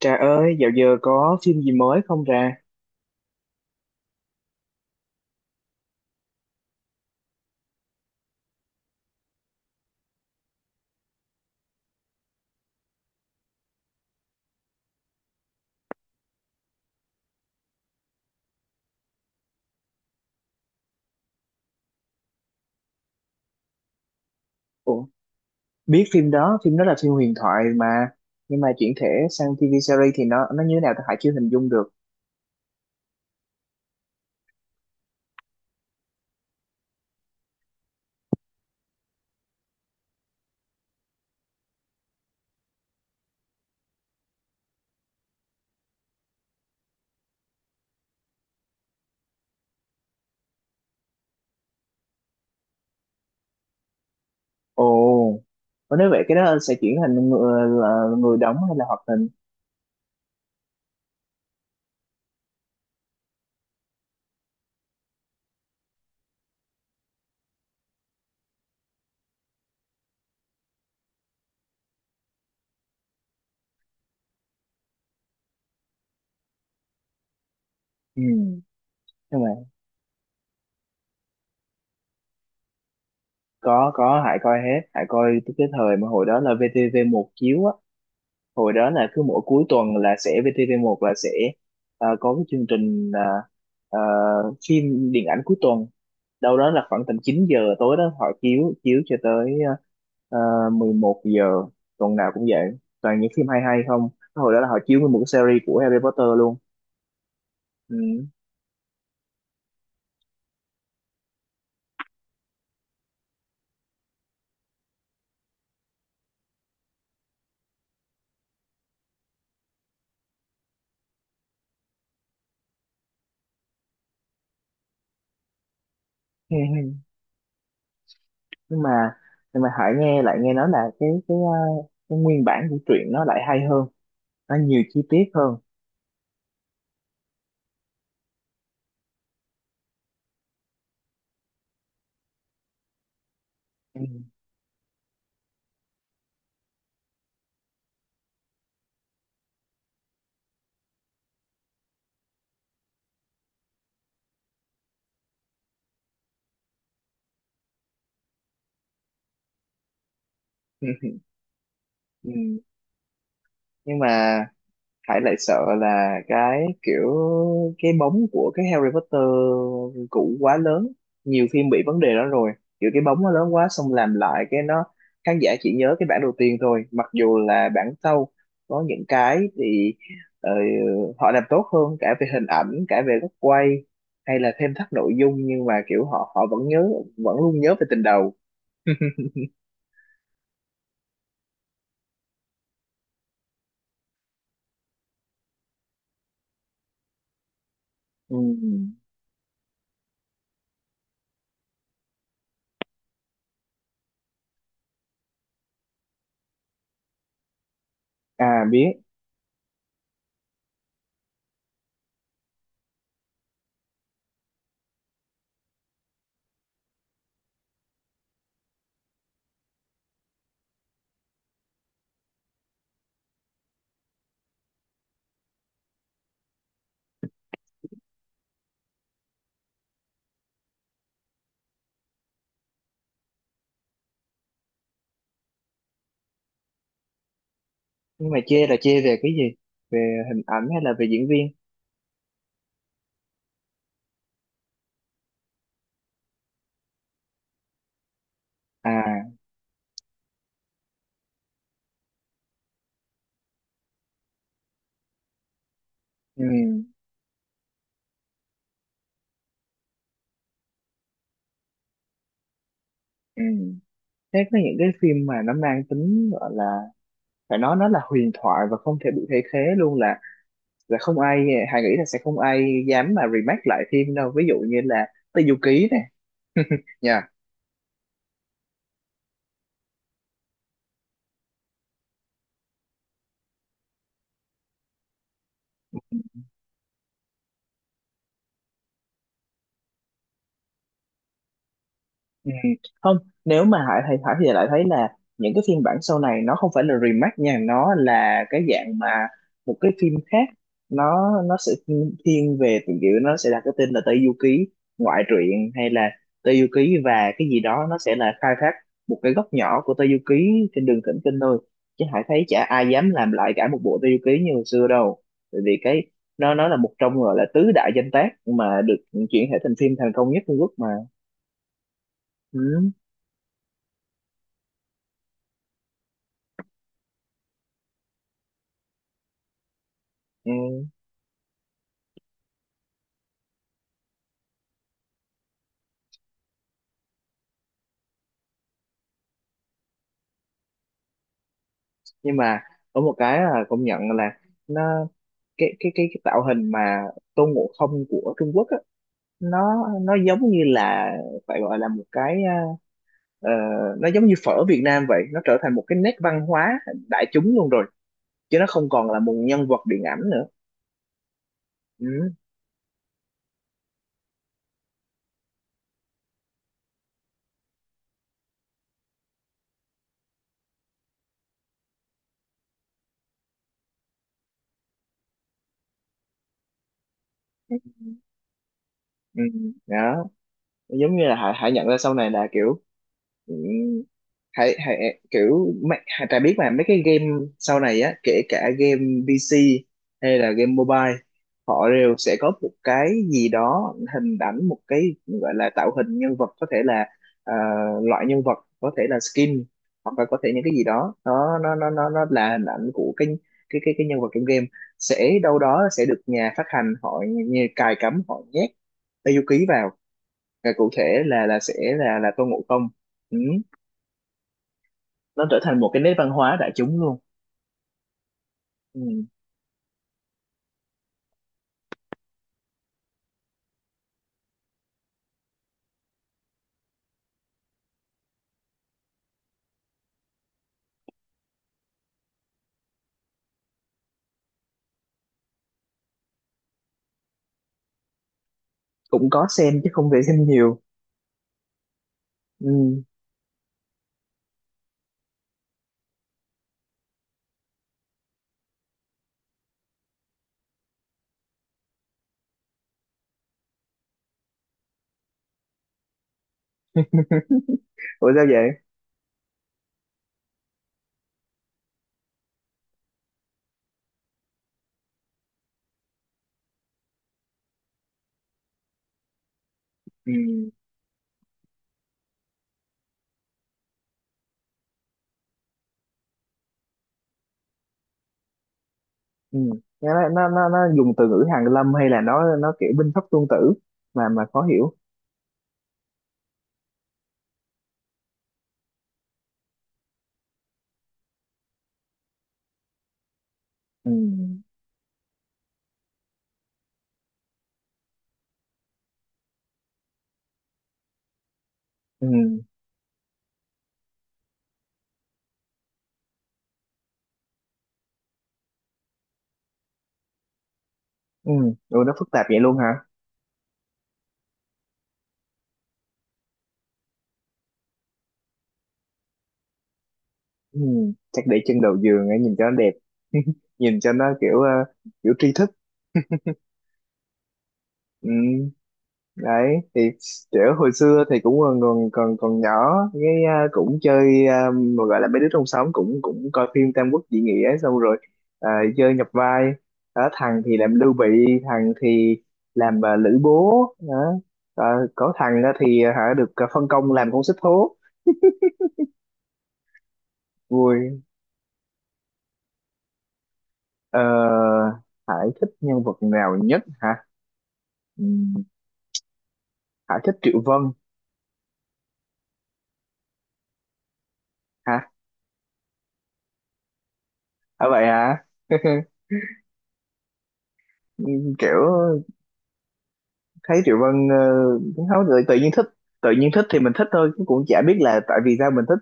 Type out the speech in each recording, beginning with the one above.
Trà ơi, dạo giờ có phim gì mới không Trà? Ủa, biết phim đó là phim huyền thoại mà. Nhưng mà chuyển thể sang TV series thì nó như thế nào ta hãy chưa hình dung được. Ồ, có. Nếu vậy cái đó sẽ chuyển thành người, là người đóng hay là hoạt hình? Ừ. Nhưng mà có, Hải coi hết. Hải coi tới cái thời mà hồi đó là VTV1 chiếu á. Hồi đó là cứ mỗi cuối tuần là sẽ VTV1 là sẽ có cái chương trình, ờ, phim điện ảnh cuối tuần, đâu đó là khoảng tầm 9 giờ tối đó, họ chiếu chiếu cho tới 11 giờ. Tuần nào cũng vậy, toàn những phim hay, hay không hồi đó là họ chiếu nguyên một cái series của Harry Potter luôn. Ừ. Hay, hay. nhưng mà nhưng mà Hải nghe nói là cái nguyên bản của truyện nó lại hay hơn, nó nhiều chi tiết hơn. Ừ. Ừ. Nhưng mà Hải lại sợ là cái kiểu cái bóng của cái Harry Potter cũ quá lớn. Nhiều phim bị vấn đề đó rồi, kiểu cái bóng nó lớn quá, xong làm lại cái nó khán giả chỉ nhớ cái bản đầu tiên thôi, mặc dù là bản sau có những cái thì ờ, họ làm tốt hơn cả về hình ảnh, cả về góc quay, hay là thêm thắt nội dung, nhưng mà kiểu họ họ vẫn nhớ, vẫn luôn nhớ về tình đầu. Ừ. À, biết. Nhưng mà chê là chê về cái gì? Về hình ảnh hay là về diễn viên? À. Ừ, ừ. Thế có những cái phim mà nó mang tính gọi là phải nói nó là huyền thoại và không thể bị thay thế luôn, là không ai, Hà nghĩ là sẽ không ai dám mà remake lại phim đâu, ví dụ như là Tây Du Ký này nha. Ừ. Không, nếu mà Hải thì lại thấy là những cái phiên bản sau này nó không phải là remake nha, nó là cái dạng mà một cái phim khác. Nó sẽ thiên về từ kiểu nó sẽ đặt cái tên là Tây du ký ngoại truyện, hay là Tây du ký và cái gì đó. Nó sẽ là khai thác một cái góc nhỏ của Tây du ký trên đường thỉnh kinh thôi. Chứ Hải thấy chả ai dám làm lại cả một bộ Tây du ký như hồi xưa đâu. Bởi vì cái, nó là một trong gọi là tứ đại danh tác mà được chuyển thể thành phim thành công nhất Trung Quốc mà. Ừ. Ừ. Nhưng mà có một cái là công nhận là nó, cái tạo hình mà Tôn Ngộ Không của Trung Quốc á, nó giống như là phải gọi là một cái, ờ, ờ, nó giống như phở Việt Nam vậy, nó trở thành một cái nét văn hóa đại chúng luôn rồi, chứ nó không còn là một nhân vật điện ảnh nữa. Ừ. Ừ. Đó, giống như là Hải Hải nhận ra sau này là kiểu, ừ, Hải Hải kiểu mấy- Hải, Trà biết mà mấy cái game sau này á, kể cả game PC hay là game mobile, họ đều sẽ có một cái gì đó, hình ảnh một cái gọi là tạo hình nhân vật, có thể là ờ, loại nhân vật, có thể là skin, hoặc là có thể những cái gì đó nó là hình ảnh của cái, cái nhân vật trong game sẽ đâu đó sẽ được nhà phát hành họ như cài cắm, họ nhét Yuki vào, và cụ thể là sẽ là Tôn Ngộ Không. Ừ. Nó trở thành một cái nét văn hóa đại chúng luôn. Ừ. Cũng có xem chứ không thể xem nhiều. Ừ. Ủa sao vậy? Ừ. Ừ. Nó, nó dùng từ ngữ Hàn Lâm, hay là nó kiểu binh pháp tuân tử mà khó hiểu. Ừ. Ừ. Ừ. Ủa nó phức tạp vậy luôn hả? Ừ. Chắc để chân đầu giường ấy, nhìn cho nó đẹp. Nhìn cho nó kiểu kiểu tri thức. Ừ. Đấy thì kiểu hồi xưa thì cũng còn nhỏ, cái cũng chơi, mà gọi là mấy đứa trong xóm cũng cũng coi phim Tam Quốc diễn nghĩa xong rồi, à, chơi nhập vai, đó, thằng thì làm Lưu Bị, thằng thì làm Lữ Bố đó. Ờ, có thằng đó thì hả, được phân công làm con xích thố. Vui. Ờ, Hải thích nhân vật nào nhất hả? Ừ, Hải thích Triệu Vân. Hả? À, vậy hả? Kiểu thấy Triệu Vân, cũng không tự nhiên thích. Tự nhiên thích thì mình thích thôi chứ cũng chả biết là tại vì sao mình thích.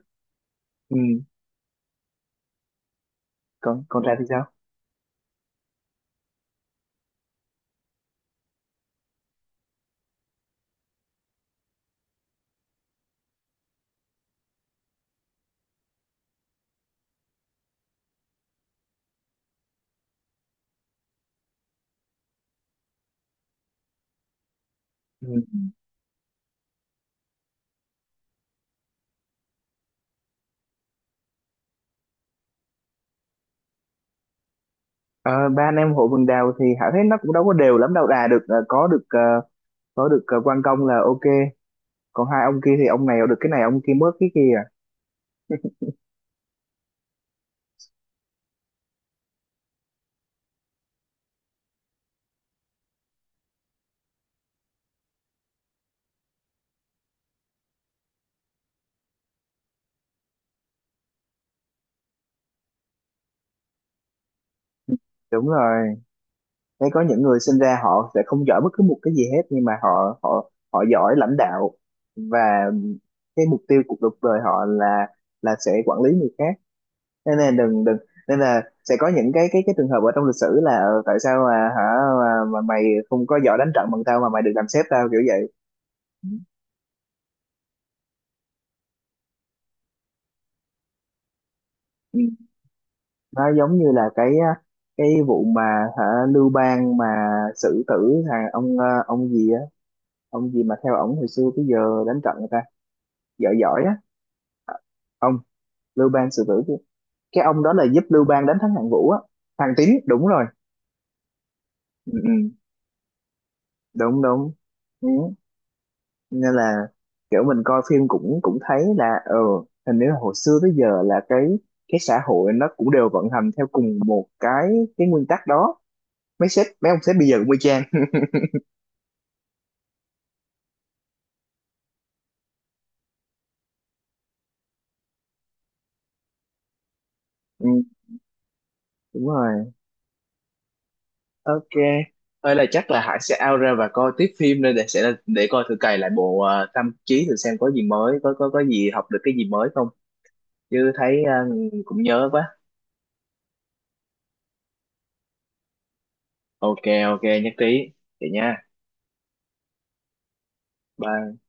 Ừ. còn còn Trà thì sao? Ừ. Ờ, ba anh em hội vườn đào thì Hảo thấy nó cũng đâu có đều lắm đâu. Đà được, có được quan công là ok. Còn hai ông kia thì ông này được cái này, ông kia mất cái kia à. Đúng rồi. Thấy có những người sinh ra họ sẽ không giỏi bất cứ một cái gì hết, nhưng mà họ họ họ giỏi lãnh đạo, và cái mục tiêu cuộc đời họ là sẽ quản lý người khác, nên là đừng, nên là sẽ có những cái cái trường hợp ở trong lịch sử là, ờ, tại sao mà hả, mà mày không có giỏi đánh trận bằng tao mà mày được làm sếp tao kiểu vậy. Ừ. Nó giống như là cái á, cái vụ mà hả, Lưu Bang mà xử tử thằng ông, ông gì á, ông gì mà theo ổng hồi xưa tới giờ đánh trận người ta giỏi, giỏi á. Ông Lưu Bang xử tử cái, ông đó là giúp Lưu Bang đánh thắng Hạng Vũ á, thằng Tín đúng rồi. Ừ, ừ, đúng đúng. Ừ. Nên là kiểu mình coi phim cũng cũng thấy là ờ, hình như là hồi xưa tới giờ là cái, xã hội nó cũng đều vận hành theo cùng một cái, nguyên tắc đó. Mấy sếp mấy ông sếp bây giờ cũng y chang. Ừ, đúng rồi. Ok. Ơi là chắc là Hải sẽ out ra và coi tiếp phim đây để sẽ để coi thử cày lại bộ Tâm Trí thử xem có gì mới, có gì học được cái gì mới không, chứ thấy cũng nhớ quá. Ok. Ok nhất trí. Vậy nha. Bye.